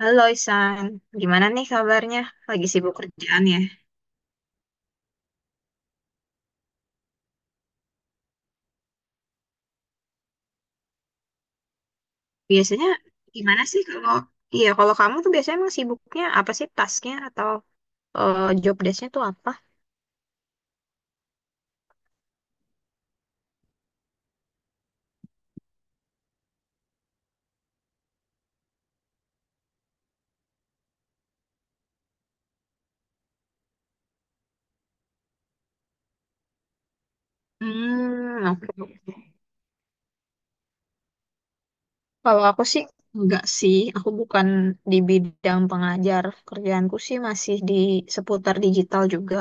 Halo Isan, gimana nih kabarnya? Lagi sibuk kerjaan ya? Biasanya gimana sih kalau iya kalau kamu tuh biasanya emang sibuknya apa sih tasknya atau job desknya tuh apa? Hmm, oke. Kalau aku sih enggak sih, aku bukan di bidang pengajar. Kerjaanku sih masih di seputar digital juga,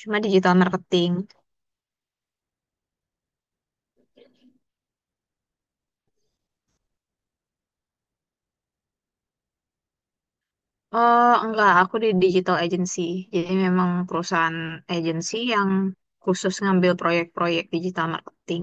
cuma digital marketing. Oh, enggak, aku di digital agency. Jadi memang perusahaan agency yang khusus ngambil proyek-proyek digital marketing.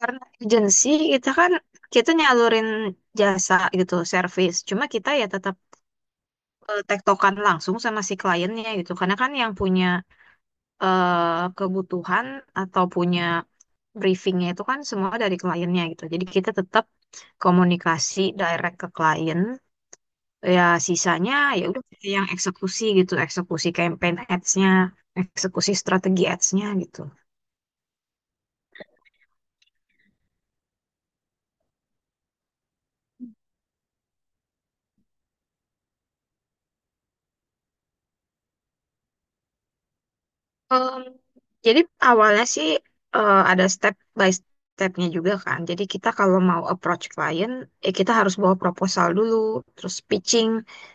Karena agency kita kan kita nyalurin jasa gitu, service. Cuma kita ya tetap tektokan langsung sama si kliennya gitu. Karena kan yang punya kebutuhan atau punya briefingnya itu kan semua dari kliennya gitu. Jadi kita tetap komunikasi direct ke klien, ya sisanya ya udah kita yang eksekusi gitu, eksekusi campaign ads-nya, eksekusi strategi ads-nya gitu. Em, jadi awalnya sih ada step by stepnya juga kan, jadi kita kalau mau approach klien, kita harus bawa proposal dulu, terus pitching,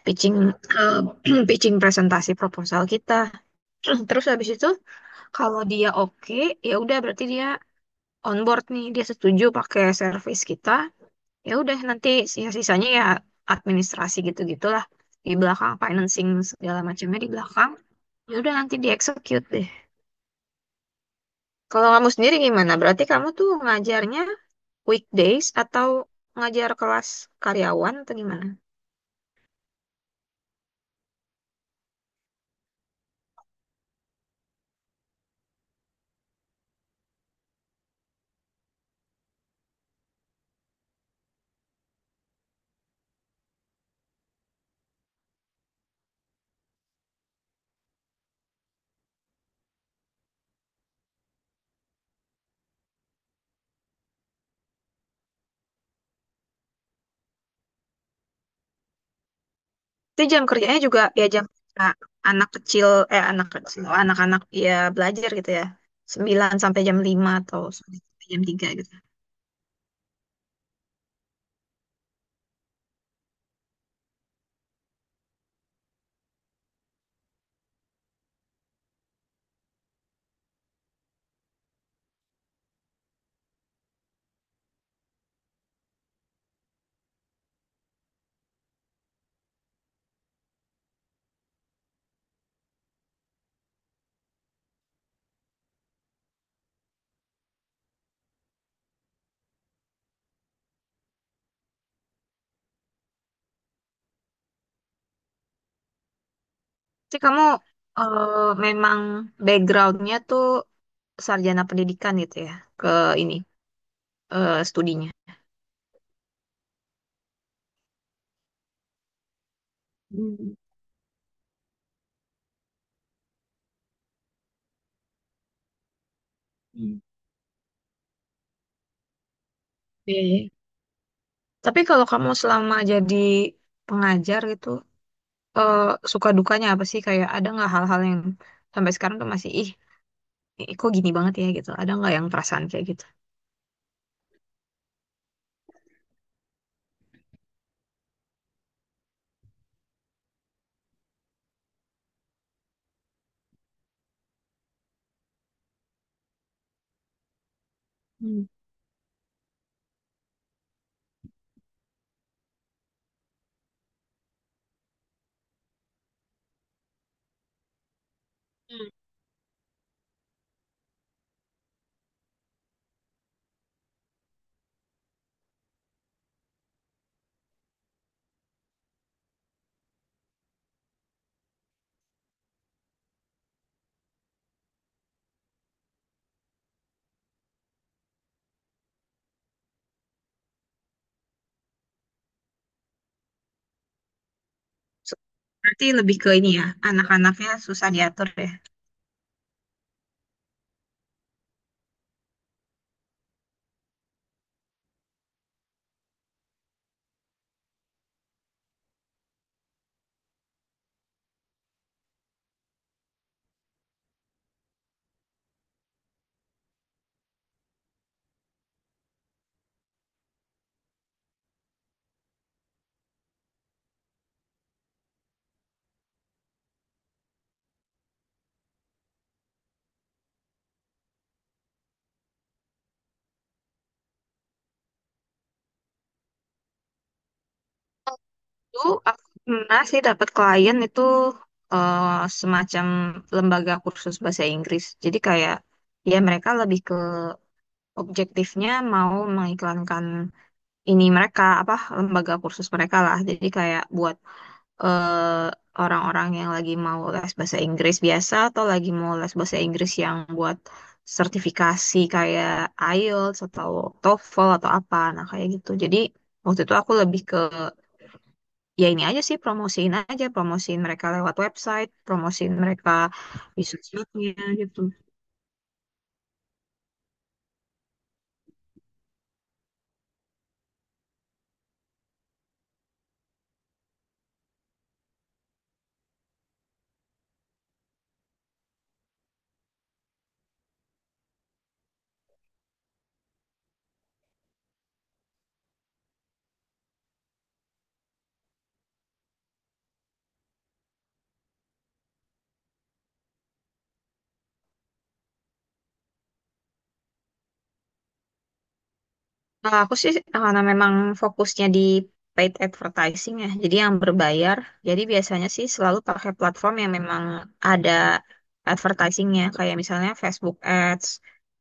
pitching eh, pitching presentasi proposal kita terus habis itu kalau dia oke, ya udah berarti dia onboard nih, dia setuju pakai service kita, ya udah nanti sisa-sisanya ya administrasi gitu-gitulah, di belakang financing segala macamnya di belakang, ya udah nanti di execute deh. Kalau kamu sendiri gimana, berarti kamu tuh ngajarnya weekdays atau ngajar kelas karyawan atau gimana. Itu jam kerjanya juga ya, jam kerja anak kecil, anak-anak ya belajar gitu ya, 9 sampai jam 5 atau sampai jam 3 gitu. Jadi kamu memang backgroundnya tuh sarjana pendidikan gitu ya, ke ini studinya. Hmm, hmm. Iya, iya. Tapi kalau kamu selama jadi pengajar gitu, eh, suka dukanya apa sih? Kayak ada nggak hal-hal yang sampai sekarang tuh masih ih, ih, kok gini banget ya gitu. Ada nggak yang perasaan kayak gitu? Hmm. Hmm. So- Berarti lebih ke ini ya, anak-anaknya susah diatur ya. Dulu aku pernah sih dapat klien itu, eh, semacam lembaga kursus bahasa Inggris. Jadi kayak ya mereka lebih ke objektifnya mau mengiklankan ini, mereka apa lembaga kursus mereka lah, jadi kayak buat eh, orang-orang yang lagi mau les bahasa Inggris biasa atau lagi mau les bahasa Inggris yang buat sertifikasi kayak IELTS atau TOEFL atau apa, nah kayak gitu. Jadi waktu itu aku lebih ke ya ini aja sih, promosiin aja, promosiin mereka lewat website, promosiin mereka di sosmednya gitu. Nah, aku sih karena memang fokusnya di paid advertising ya, jadi yang berbayar. Jadi biasanya sih selalu pakai platform yang memang ada advertisingnya, kayak misalnya Facebook Ads,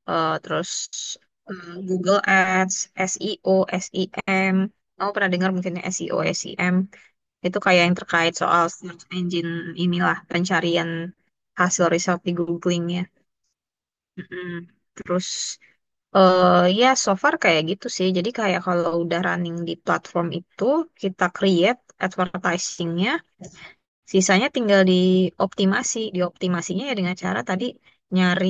eh, terus Google Ads, SEO, SEM. Kamu pernah dengar mungkin ya SEO, SEM? Itu kayak yang terkait soal search engine inilah, pencarian hasil result di Googling ya. Mm-mm. Terus ya, so far kayak gitu sih. Jadi kayak kalau udah running di platform itu, kita create advertisingnya, sisanya tinggal dioptimasi. Dioptimasinya ya dengan cara tadi, nyari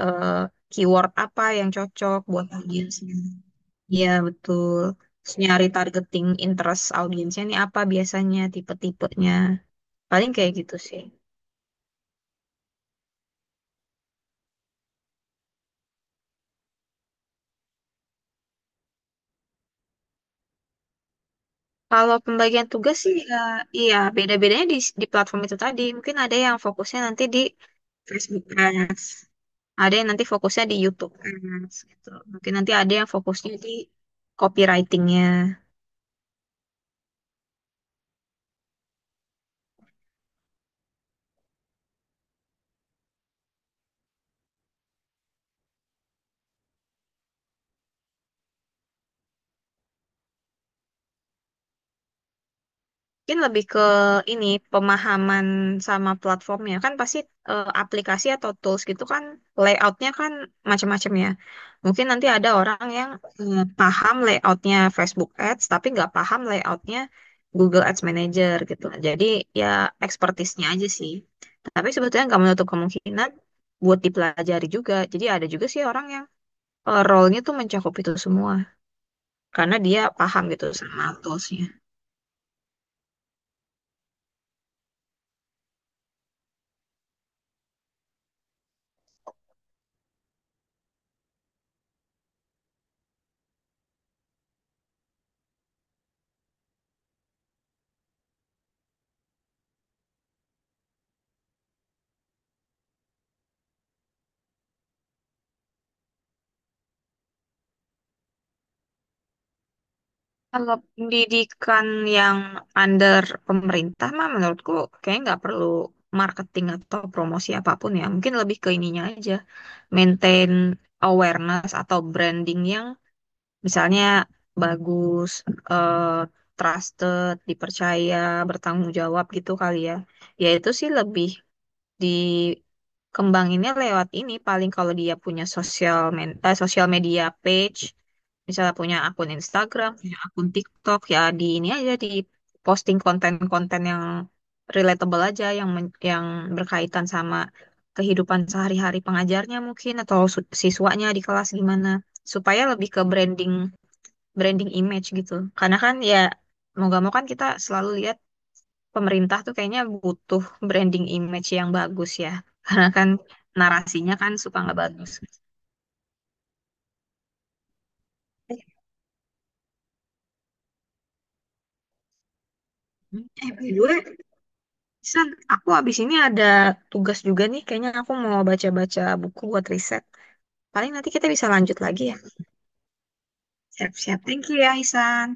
eh, keyword apa yang cocok buat audiensnya. Iya, betul. Terus nyari targeting interest audiensnya nih apa biasanya, tipe-tipenya. Paling kayak gitu sih. Kalau pembagian tugas sih ya, iya beda-bedanya di platform itu tadi. Mungkin ada yang fokusnya nanti di Facebook Ads. Ada yang nanti fokusnya di YouTube Ads gitu. Mungkin nanti ada yang fokusnya di copywritingnya. Mungkin lebih ke ini, pemahaman sama platformnya kan pasti aplikasi atau tools gitu kan, layoutnya kan macam-macam ya. Mungkin nanti ada orang yang paham layoutnya Facebook Ads tapi nggak paham layoutnya Google Ads Manager gitu. Jadi ya expertise-nya aja sih. Tapi sebetulnya nggak menutup kemungkinan buat dipelajari juga. Jadi ada juga sih orang yang role-nya tuh mencakup itu semua karena dia paham gitu sama tools-nya. Kalau pendidikan yang under pemerintah mah menurutku kayaknya nggak perlu marketing atau promosi apapun ya. Mungkin lebih ke ininya aja, maintain awareness atau branding yang misalnya bagus, eh, trusted, dipercaya, bertanggung jawab gitu kali ya. Ya itu sih lebih dikembanginnya lewat ini, paling kalau dia punya sosial media page, misalnya punya akun Instagram, punya akun TikTok, ya di ini aja, di posting konten-konten yang relatable aja, yang yang berkaitan sama kehidupan sehari-hari pengajarnya mungkin, atau siswanya di kelas gimana, supaya lebih ke branding, branding image gitu, karena kan ya mau gak mau kan kita selalu lihat pemerintah tuh kayaknya butuh branding image yang bagus ya. Karena kan narasinya kan suka nggak bagus. Eh, By the way, San, aku abis ini ada tugas juga nih. Kayaknya aku mau baca-baca buku buat riset. Paling nanti kita bisa lanjut lagi ya. Siap-siap. Thank you ya, Hisan.